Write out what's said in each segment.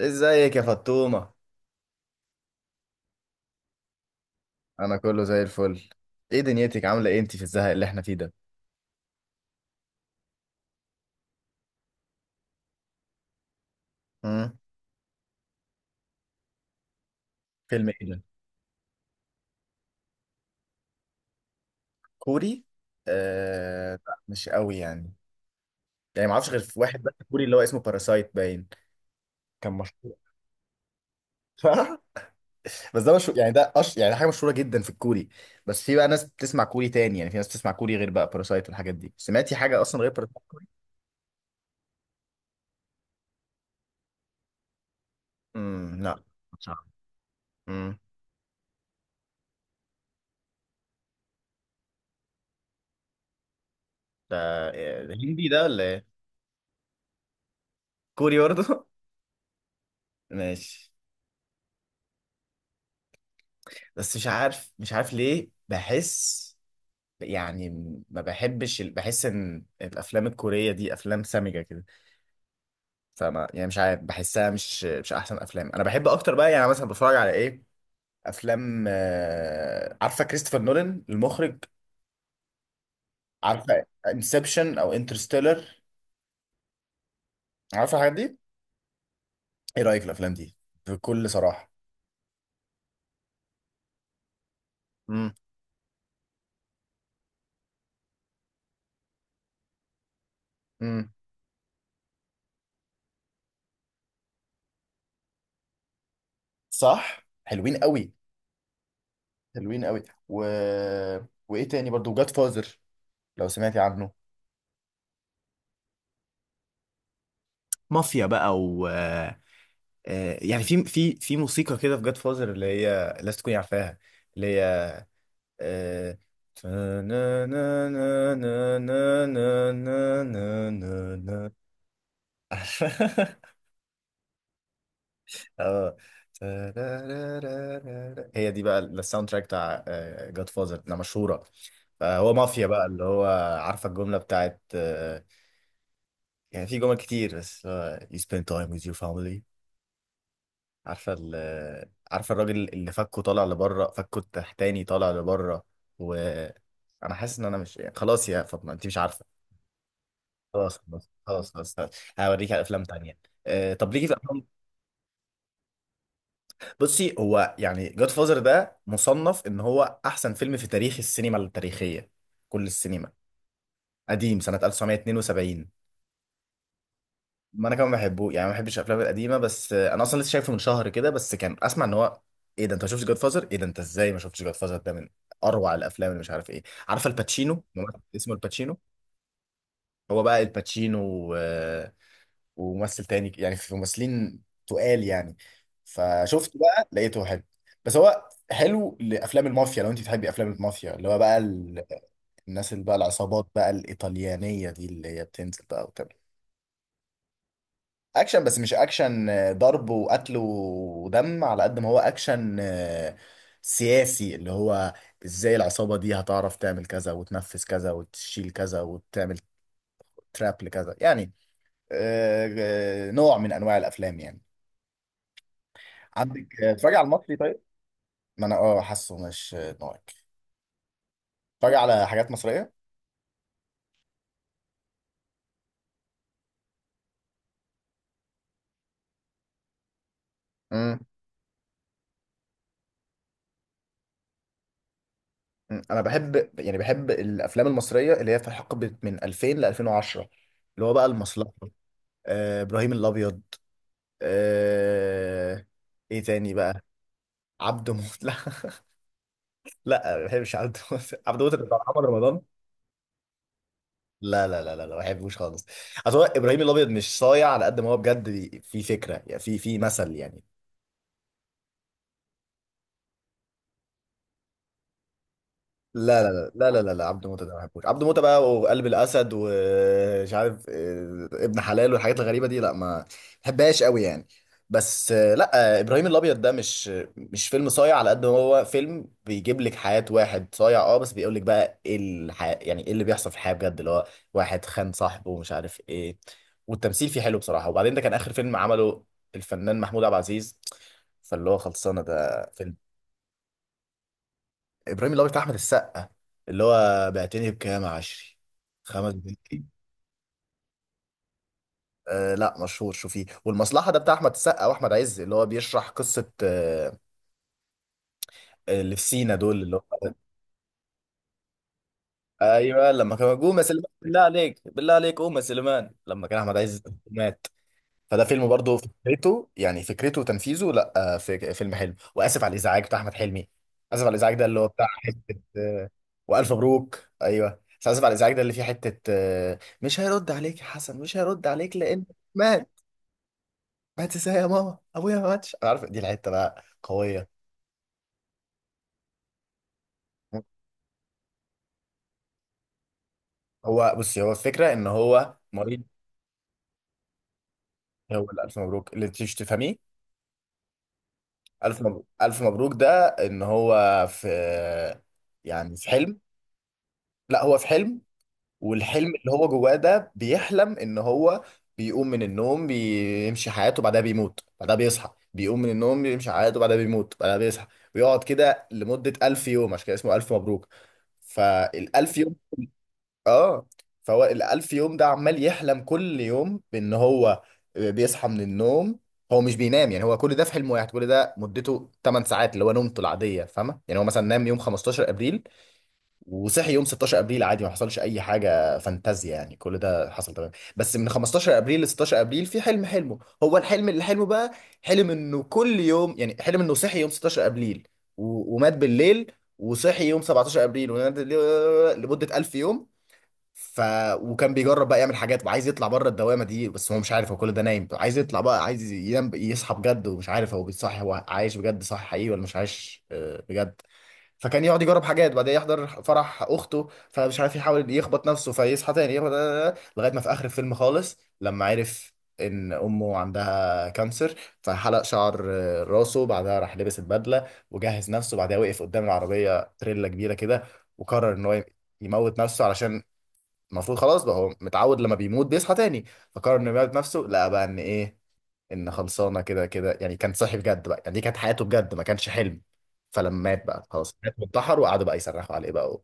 ازيك يا فطومة؟ انا كله زي الفل. ايه دنيتك؟ عاملة ايه انت في الزهق اللي احنا فيه ده؟ امم فيلم ايه ده؟ كوري؟ لا، مش قوي يعني. يعني ما اعرفش غير في واحد بس كوري اللي هو اسمه باراسايت، باين كان مشهور. بس ده مشهور، يعني ده يعني ده حاجة مشهورة جدا في الكوري. بس في بقى ناس بتسمع كوري تاني، يعني في ناس بتسمع كوري غير بقى باراسايت والحاجات دي؟ سمعتي حاجة اصلا غير باراسايت؟ امم، لا. مش عارف. امم. ده إيه، هندي ده ولا ايه؟ كوري برضه؟ ماشي. بس مش عارف ليه بحس، يعني ما بحبش ال- بحس ان الافلام الكوريه دي افلام سامجه كده، فما يعني مش عارف، بحسها مش احسن افلام. انا بحب اكتر بقى يعني مثلا بتفرج على ايه؟ افلام، عارفه كريستوفر نولان المخرج؟ عارفه انسبشن او انترستيلر؟ عارفه الحاجات دي؟ ايه رايك في الافلام دي بكل صراحه؟ امم امم، صح، حلوين قوي، حلوين قوي. و... وايه تاني برضو؟ جاد فازر، لو سمعتي عنه. مافيا بقى، و آه، آه، يعني في موسيقى كده في جاد فازر اللي هي لازم تكوني عارفاها، اللي هي آه، تا- نا- نا- نا- نا- نا- نا- نا- نا- نا- نا. اه، تا- را- را- را- را- را. هي دي بقى الساوند تراك بتاع جاد فازر ده، مشهوره. فهو مافيا بقى اللي هو، عارفه الجمله بتاعت يعني في جمل كتير بس، you spend time with your family. عارفه عارفه الراجل اللي فكه طالع لبره، فكه التحتاني طالع لبره. و انا حاسس ان انا مش يعني، خلاص يا فاطمه، انت مش عارفه. خلاص. هوريك على افلام تانية. طب ليكي في افلام؟ بصي، هو يعني جاد فازر ده مصنف ان هو احسن فيلم في تاريخ السينما التاريخيه، كل السينما. قديم، سنه 1972. ما انا كمان بحبه يعني ما بحبش الافلام القديمه، بس انا اصلا لسه شايفه من شهر كده، بس كان اسمع ان هو، ايه ده انت ما شفتش جاد فازر؟ ايه ده انت ازاي ما شفتش جاد فازر؟ ده من اروع الافلام اللي مش عارف ايه. عارفه الباتشينو، ممثل اسمه الباتشينو؟ هو بقى الباتشينو، وممثل تاني، يعني في ممثلين تقال يعني. فشفت بقى لقيته حلو. بس هو حلو لافلام المافيا، لو انت بتحبي افلام المافيا، اللي هو بقى الناس اللي بقى العصابات بقى الايطاليانيه دي اللي هي بتنزل بقى وتعمل اكشن. بس مش اكشن ضرب وقتل ودم على قد ما هو اكشن سياسي، اللي هو ازاي العصابة دي هتعرف تعمل كذا وتنفذ كذا وتشيل كذا وتعمل تراب لكذا يعني. نوع من انواع الافلام يعني. عندك، اتفرج على المصري طيب. ما انا اه حاسه مش نوعك. اتفرج على حاجات مصرية. امم. انا بحب يعني، بحب الافلام المصرية اللي هي في حقبة من 2000 ل 2010، اللي هو بقى المصلحة، ابراهيم الابيض، آه... ايه تاني بقى؟ عبده موت. لا، لا، ما بحبش عبده موت. عبده موت اللي بتاع محمد رمضان؟ لا لا لا لا لا، ما بحبوش خالص. اصل هو ابراهيم الابيض مش صايع على قد ما هو بجد في فكره، يعني في مثل يعني. لا لا لا لا لا لا، عبد موتة ده ما بحبوش. عبد موتة بقى وقلب الاسد ومش عارف ابن حلال والحاجات الغريبه دي، لا، ما بحبهاش قوي يعني. بس لا، ابراهيم الابيض ده مش فيلم صايع على قد ما هو فيلم بيجيب لك حياه واحد صايع، اه بس بيقول لك بقى ايه الحياه، يعني ايه اللي بيحصل في الحياه بجد، اللي هو واحد خان صاحبه ومش عارف ايه. والتمثيل فيه حلو بصراحه، وبعدين ده كان اخر فيلم عمله الفنان محمود عبد العزيز، فاللي هو خلصانه ده فيلم ابراهيم الابيض بتاع احمد السقا، اللي هو بعتني بكام يا عشري؟ 5 بنات. آه لا، مشهور، شوفيه. والمصلحه ده بتاع احمد السقا واحمد عز، اللي هو بيشرح قصه اللي في سينا دول، اللي هو ايوه لما كان قوم يا سليمان، بالله عليك بالله عليك قوم يا سليمان، لما كان احمد عز مات. فده فيلم برضه فكرته، يعني فكرته وتنفيذه لا، فيلم حلو. واسف على الازعاج بتاع احمد حلمي، اسف على الازعاج ده اللي هو بتاع حته والف مبروك، ايوه. بس اسف على الازعاج ده اللي فيه حته مش هيرد عليك يا حسن، مش هيرد عليك لان مات. مات ازاي يا ماما، ابويا ما ماتش. انا عارف دي الحته بقى قويه. هو بصي، هو الفكره ان هو مريض. هو اللي الف مبروك اللي تيجي تفهميه. الف مبروك، الف مبروك ده ان هو في، يعني في حلم. لا، هو في حلم، والحلم اللي هو جواه ده بيحلم ان هو بيقوم من النوم، بيمشي حياته بعدها، بيموت بعدها، بيصحى، بيقوم من النوم، بيمشي حياته بعدها، بيموت بعدها، بيصحى، ويقعد كده لمدة 1000 يوم. عشان كده اسمه ألف مبروك. فالألف يوم، اه، فهو ال 1000 يوم ده عمال يحلم كل يوم بإن هو بيصحى من النوم. هو مش بينام يعني، هو كل ده في حلم واحد، كل ده مدته 8 ساعات اللي هو نومته العادية، فاهمة؟ يعني هو مثلا نام يوم 15 أبريل وصحي يوم 16 ابريل عادي، ما حصلش اي حاجه فانتازيا يعني، كل ده حصل تمام. بس من 15 ابريل ل 16 ابريل في حلم حلمه هو، الحلم اللي حلمه بقى، حلم انه كل يوم، يعني حلم انه صحي يوم 16 ابريل، ومات بالليل، وصحي يوم 17 ابريل، ونام بالليل لمده 1000 يوم. ف وكان بيجرب بقى يعمل حاجات وعايز يطلع بره الدوامه دي، بس هو مش عارف هو كل ده نايم. عايز يطلع بقى، عايز ينام يصحى بجد، ومش عارف هو بيصحي هو عايش بجد صح، حقيقي، ولا مش عايش بجد. فكان يقعد يجرب حاجات، بعدين يحضر فرح اخته، فمش عارف يحاول يخبط نفسه فيصحى تاني، يخبط لغايه ما في اخر الفيلم خالص لما عرف ان امه عندها كانسر. فحلق شعر راسه، بعدها راح لبس البدله وجهز نفسه، بعدها وقف قدام العربيه تريلا كبيره كده، وقرر ان هو يموت نفسه، علشان المفروض خلاص بقى هو متعود لما بيموت بيصحى تاني. فقرر انه يموت نفسه، لقى بقى ان ايه، ان خلصانه كده كده يعني، كان صاحي بجد بقى، يعني دي كانت حياته بجد، ما كانش حلم. فلما مات بقى، خلاص، مات وانتحر، وقعدوا بقى يصرخوا عليه بقى و...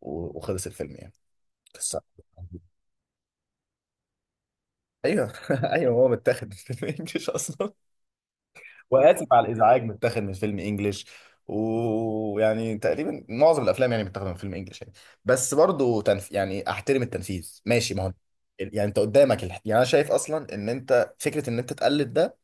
و... وخلص الفيلم يعني. قصه. ايوه. ايوه، هو متاخد من فيلم انجلش اصلا. واسف على الازعاج متاخد من فيلم انجلش. ويعني تقريبا معظم الافلام يعني متاخده من فيلم انجلش يعني، بس برضه يعني احترم التنفيذ، ماشي، ما هو يعني انت قدامك يعني انا شايف اصلا ان انت فكره ان انت تقلد ده،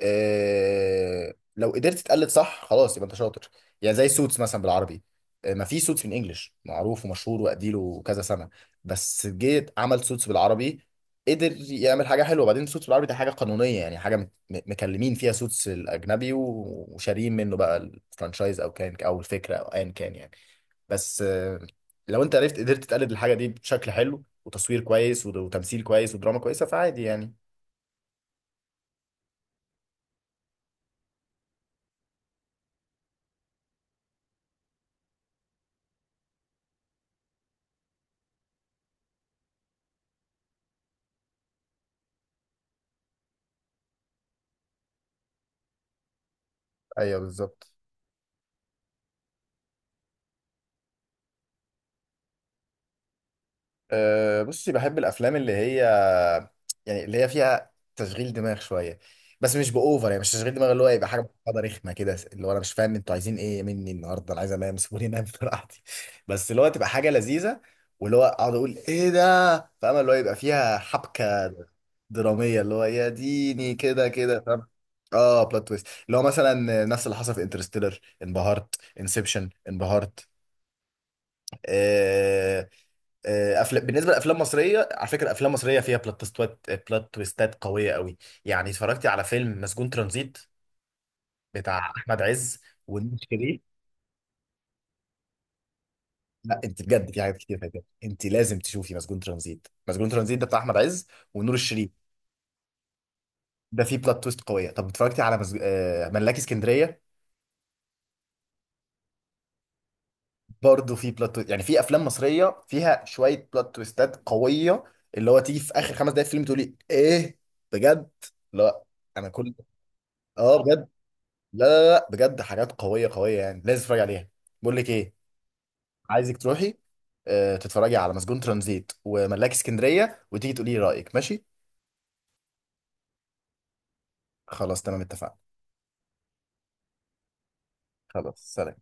لو قدرت تقلد صح، خلاص يبقى انت شاطر. يعني زي سوتس مثلا بالعربي، ما في سوتس بالانجلش معروف ومشهور واديله كذا سنه، بس جيت عمل سوتس بالعربي. قدر يعمل حاجه حلوه. بعدين سوتس بالعربي ده حاجه قانونيه، يعني حاجه مكلمين فيها سوتس الاجنبي وشاريين منه بقى الفرانشايز او كان، او الفكره او ايا كان يعني. بس لو انت عرفت قدرت تقلد الحاجه دي بشكل حلو، وتصوير كويس وتمثيل كويس ودراما كويسه، فعادي يعني. ايوه، بالظبط. أه بصي، بحب الافلام اللي هي، يعني اللي هي فيها تشغيل دماغ شويه، بس مش باوفر. يعني مش تشغيل دماغ اللي هو يبقى حاجه معقده رخمه كده، اللي هو انا مش فاهم انتوا عايزين ايه مني النهارده، انا عايز انام، سيبوني انام براحتي. بس اللي هو تبقى حاجه لذيذه، واللي هو اقعد اقول ايه ده، فاهم؟ اللي هو يبقى فيها حبكه دراميه، اللي هو يا ديني كده كده، فاهم؟ اه، بلوت تويست، اللي هو مثلا نفس اللي حصل في انترستيلر، انبهرت، انسبشن، انبهرت. آه، افلام، بالنسبه لافلام مصريه على فكره، افلام مصريه فيها بلوت تويستات، بلوت تويستات قويه قوي. يعني اتفرجتي على فيلم مسجون ترانزيت بتاع احمد عز ونور شريف؟ لا، انت بجد في حاجات كتير فاتت، انت لازم تشوفي مسجون ترانزيت. مسجون ترانزيت ده بتاع احمد عز ونور الشريف. ده فيه بلوت تويست قويه. طب اتفرجتي على مزج... آه، ملاكي اسكندريه؟ برضه فيه بلوت تويست، يعني في افلام مصريه فيها شويه بلوت تويستات قويه، اللي هو تيجي في اخر 5 دقايق فيلم تقولي ايه؟ بجد، لا، انا كل، اه بجد، لا لا لا بجد، حاجات قويه قويه يعني، لازم تتفرج عليها. بقول لك ايه، عايزك تروحي تتفرجي على مسجون ترانزيت وملاك اسكندريه، وتيجي تقولي لي رايك، ماشي؟ خلاص تمام، اتفقنا. خلاص، سلام.